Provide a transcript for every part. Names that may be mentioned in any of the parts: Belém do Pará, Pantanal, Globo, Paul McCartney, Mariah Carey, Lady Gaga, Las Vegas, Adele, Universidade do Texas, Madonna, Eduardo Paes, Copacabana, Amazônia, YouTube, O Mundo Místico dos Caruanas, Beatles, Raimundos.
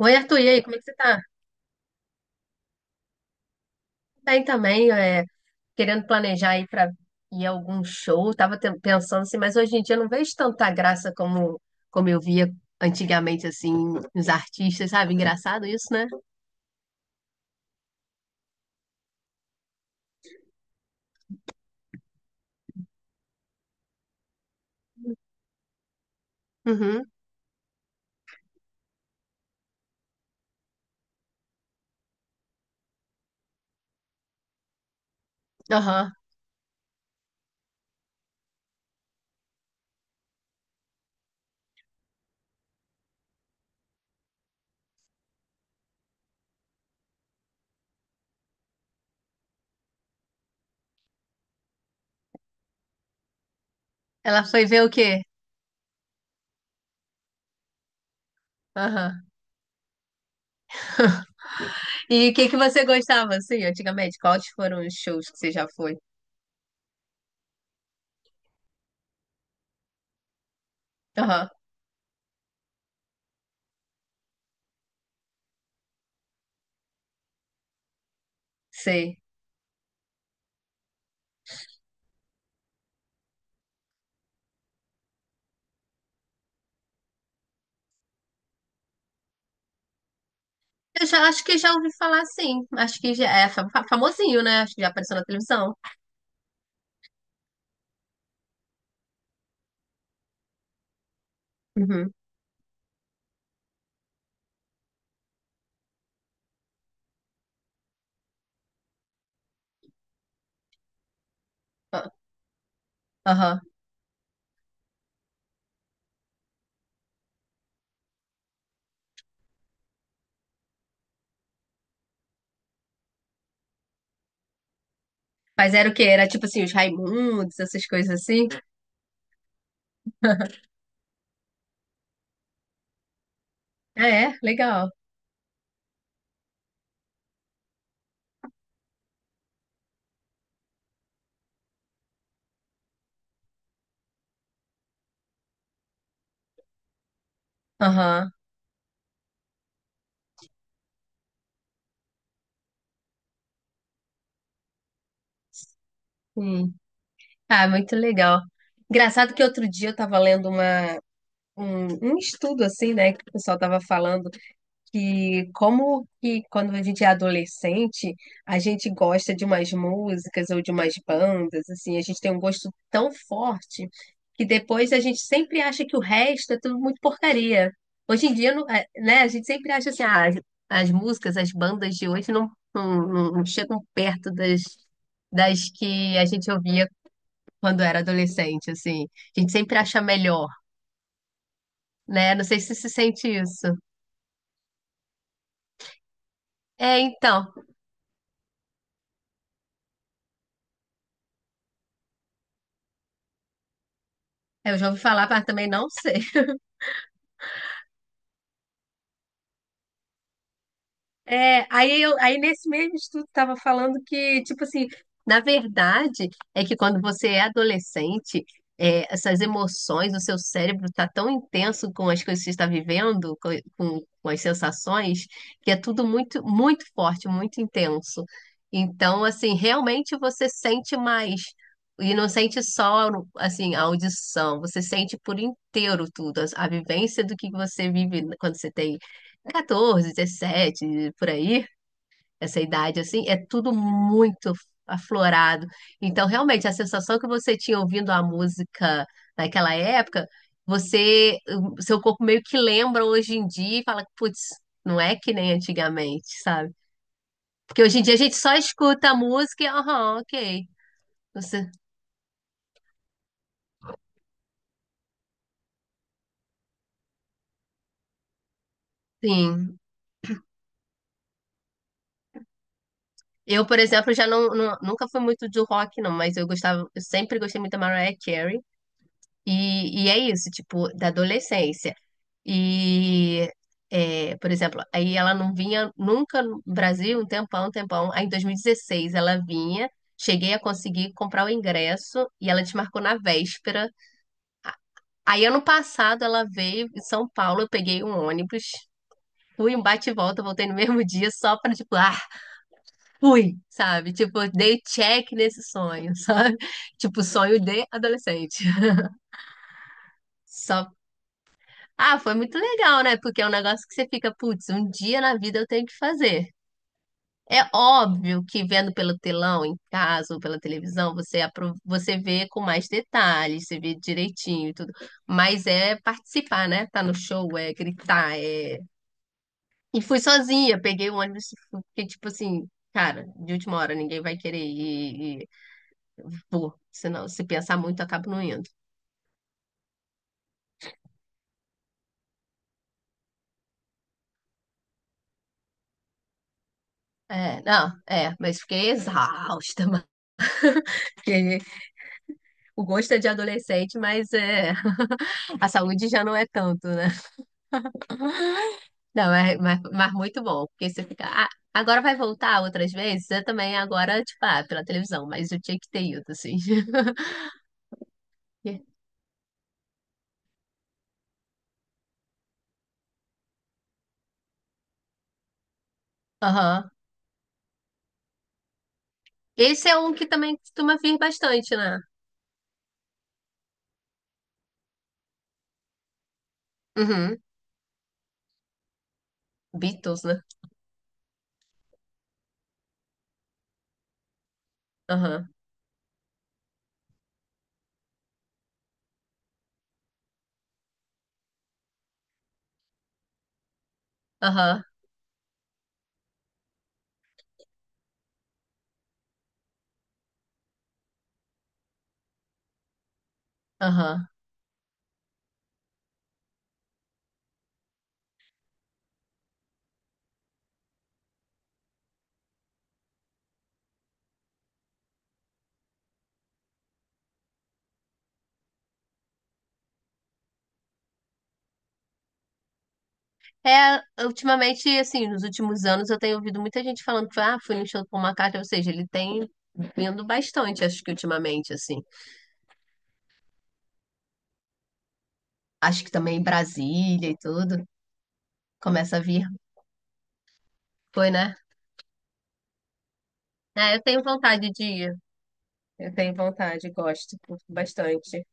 Oi, Arthur, e aí, como é que você tá? Bem também, querendo planejar aí pra ir a algum show, tava pensando assim, mas hoje em dia eu não vejo tanta graça como eu via antigamente, assim, nos artistas, sabe? Engraçado isso, né? Uhum, aham. Ela foi ver o quê? Aham. E o que que você gostava, assim, antigamente? Quais foram os shows que você já foi? Aham, sei. Eu já acho que já ouvi falar, sim. Acho que já é famosinho, né? Acho que já apareceu na televisão. Uhum. Ah, aham. Mas era o quê? Era tipo assim, os Raimundos, essas coisas assim? Ah, é? Legal. Aham. Hum. Ah, muito legal. Engraçado que outro dia eu tava lendo um, um estudo assim, né, que o pessoal tava falando que como que quando a gente é adolescente, a gente gosta de umas músicas ou de umas bandas, assim, a gente tem um gosto tão forte que depois a gente sempre acha que o resto é tudo muito porcaria. Hoje em dia, é, né, a gente sempre acha assim, ah, as músicas, as bandas de hoje não chegam perto das que a gente ouvia quando era adolescente, assim. A gente sempre acha melhor, né? Não sei se se sente isso. É, então, eu já ouvi falar, mas também não sei. É, aí, aí nesse mesmo estudo estava falando que, tipo assim, na verdade é que quando você é adolescente, essas emoções, o seu cérebro está tão intenso com as coisas que você está vivendo, com as sensações, que é tudo muito, muito forte, muito intenso. Então, assim, realmente você sente mais. E não sente só, assim, a audição, você sente por inteiro tudo, a vivência do que você vive quando você tem 14, 17 por aí, essa idade assim, é tudo muito aflorado. Então, realmente, a sensação que você tinha ouvindo a música naquela época, você, o seu corpo meio que lembra hoje em dia e fala, putz, não é que nem antigamente, sabe? Porque hoje em dia a gente só escuta a música e, aham, ok. Você, sim. Eu, por exemplo, já nunca fui muito do rock, não, mas eu gostava, eu sempre gostei muito da Mariah Carey. E é isso, tipo, da adolescência. E, por exemplo, aí ela não vinha nunca no Brasil, um tempão, um tempão. Aí em 2016 ela vinha, cheguei a conseguir comprar o ingresso e ela desmarcou na véspera. Aí ano passado ela veio em São Paulo, eu peguei um ônibus, fui um bate e volta, voltei no mesmo dia só pra, tipo, ah, fui, sabe? Tipo, dei check nesse sonho, sabe? Tipo, sonho de adolescente. Só Ah, foi muito legal, né? Porque é um negócio que você fica, putz, um dia na vida eu tenho que fazer. É óbvio que vendo pelo telão em casa ou pela televisão, você vê com mais detalhes, você vê direitinho e tudo. Mas é participar, né? Tá no show, é gritar, é... E fui sozinha, peguei o ônibus, porque tipo assim, cara, de última hora ninguém vai querer ir e vou. Senão, se pensar muito, eu acabo não indo. É, não, é, mas fiquei exausta, mas... fiquei O gosto é de adolescente, mas é... a saúde já não é tanto, né? Não, mas muito bom, porque você fica. "Ah, agora vai voltar outras vezes? Eu também, agora, tipo, ah, pela televisão, mas eu tinha que ter ido, assim. Aham. Esse é um que também costuma vir bastante, né? Uhum. Beatles, né? Aham, aham, aham. É, ultimamente, assim, nos últimos anos eu tenho ouvido muita gente falando que, ah, fui no show do Paul McCartney, ou seja, ele tem vindo bastante, acho que ultimamente, assim. Acho que também Brasília e tudo começa a vir. Foi, né? É, eu tenho vontade de ir. Eu tenho vontade, gosto, curto bastante.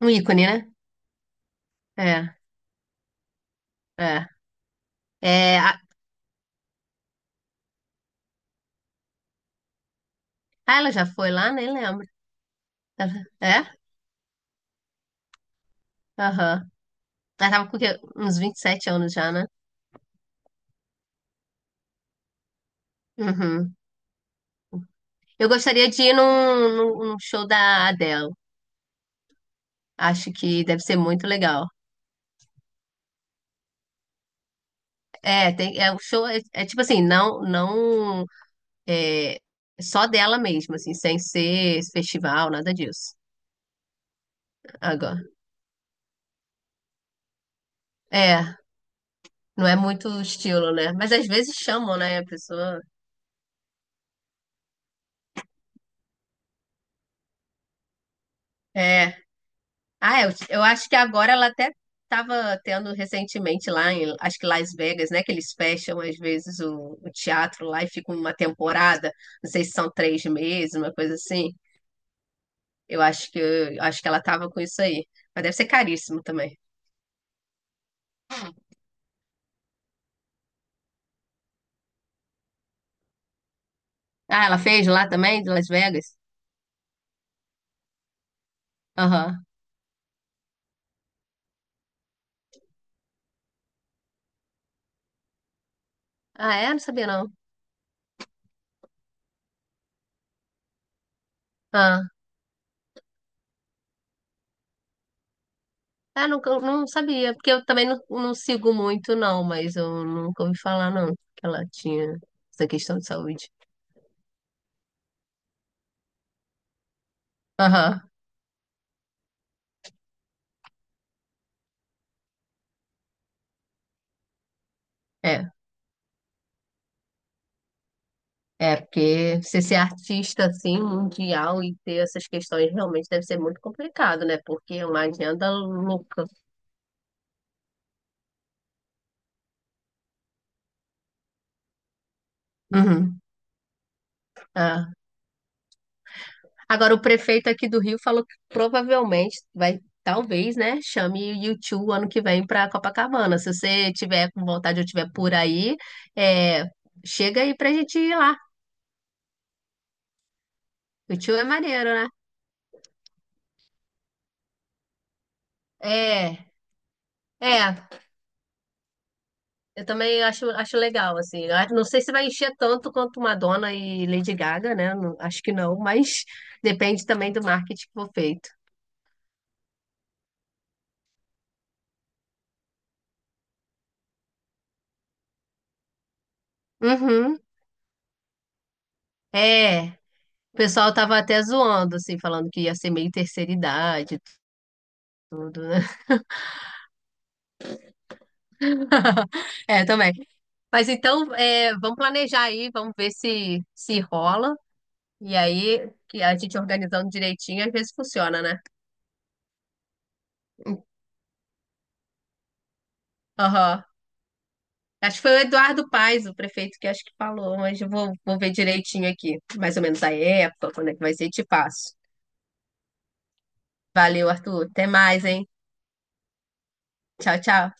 Um ícone, né? É, é. é a- ah, ela já foi lá? Nem lembro. Ela- É? Aham. Ela tava com o quê? Uns 27 anos já, né? Uhum. Eu gostaria de ir num show da Adele. Acho que deve ser muito legal. É, tem, é o show é tipo assim, não, não é, só dela mesma assim, sem ser esse festival, nada disso. Agora. É, não é muito o estilo, né? Mas às vezes chamam, né? A pessoa. É. Ah, eu acho que agora ela até estava tendo recentemente lá em, acho que Las Vegas, né? Que eles fecham às vezes o teatro lá e fica uma temporada. Não sei se são 3 meses, uma coisa assim. Eu acho que ela estava com isso aí. Mas deve ser caríssimo também. Ah, ela fez lá também, de Las Vegas? Aham. Ah, é? Não sabia não. Ah. Ah, nunca, eu não sabia, porque eu também não sigo muito, não, mas eu nunca ouvi falar, não, que ela tinha essa questão de saúde. Aham, é. É, porque você ser artista, assim, mundial e ter essas questões realmente deve ser muito complicado, né? Porque é uma agenda louca. Uhum. Ah. Agora, o prefeito aqui do Rio falou que provavelmente vai, talvez, né, chame o YouTube ano que vem para Copacabana. Se você tiver com vontade ou tiver por aí, é, chega aí pra gente ir lá. O tio é maneiro, né? É, é. Eu também acho legal, assim. Não sei se vai encher tanto quanto Madonna e Lady Gaga, né? Acho que não, mas depende também do marketing que for feito. Uhum. É. O pessoal tava até zoando, assim, falando que ia ser meio terceira idade e tudo, né? É, também. Mas então, vamos planejar aí, vamos ver se se rola. E aí, que a gente organizando direitinho, às vezes funciona, né? Aham. Acho que foi o Eduardo Paes, o prefeito, que acho que falou, mas eu vou ver direitinho aqui. Mais ou menos a época, quando é que vai ser, te passo. Valeu, Arthur. Até mais, hein? Tchau, tchau.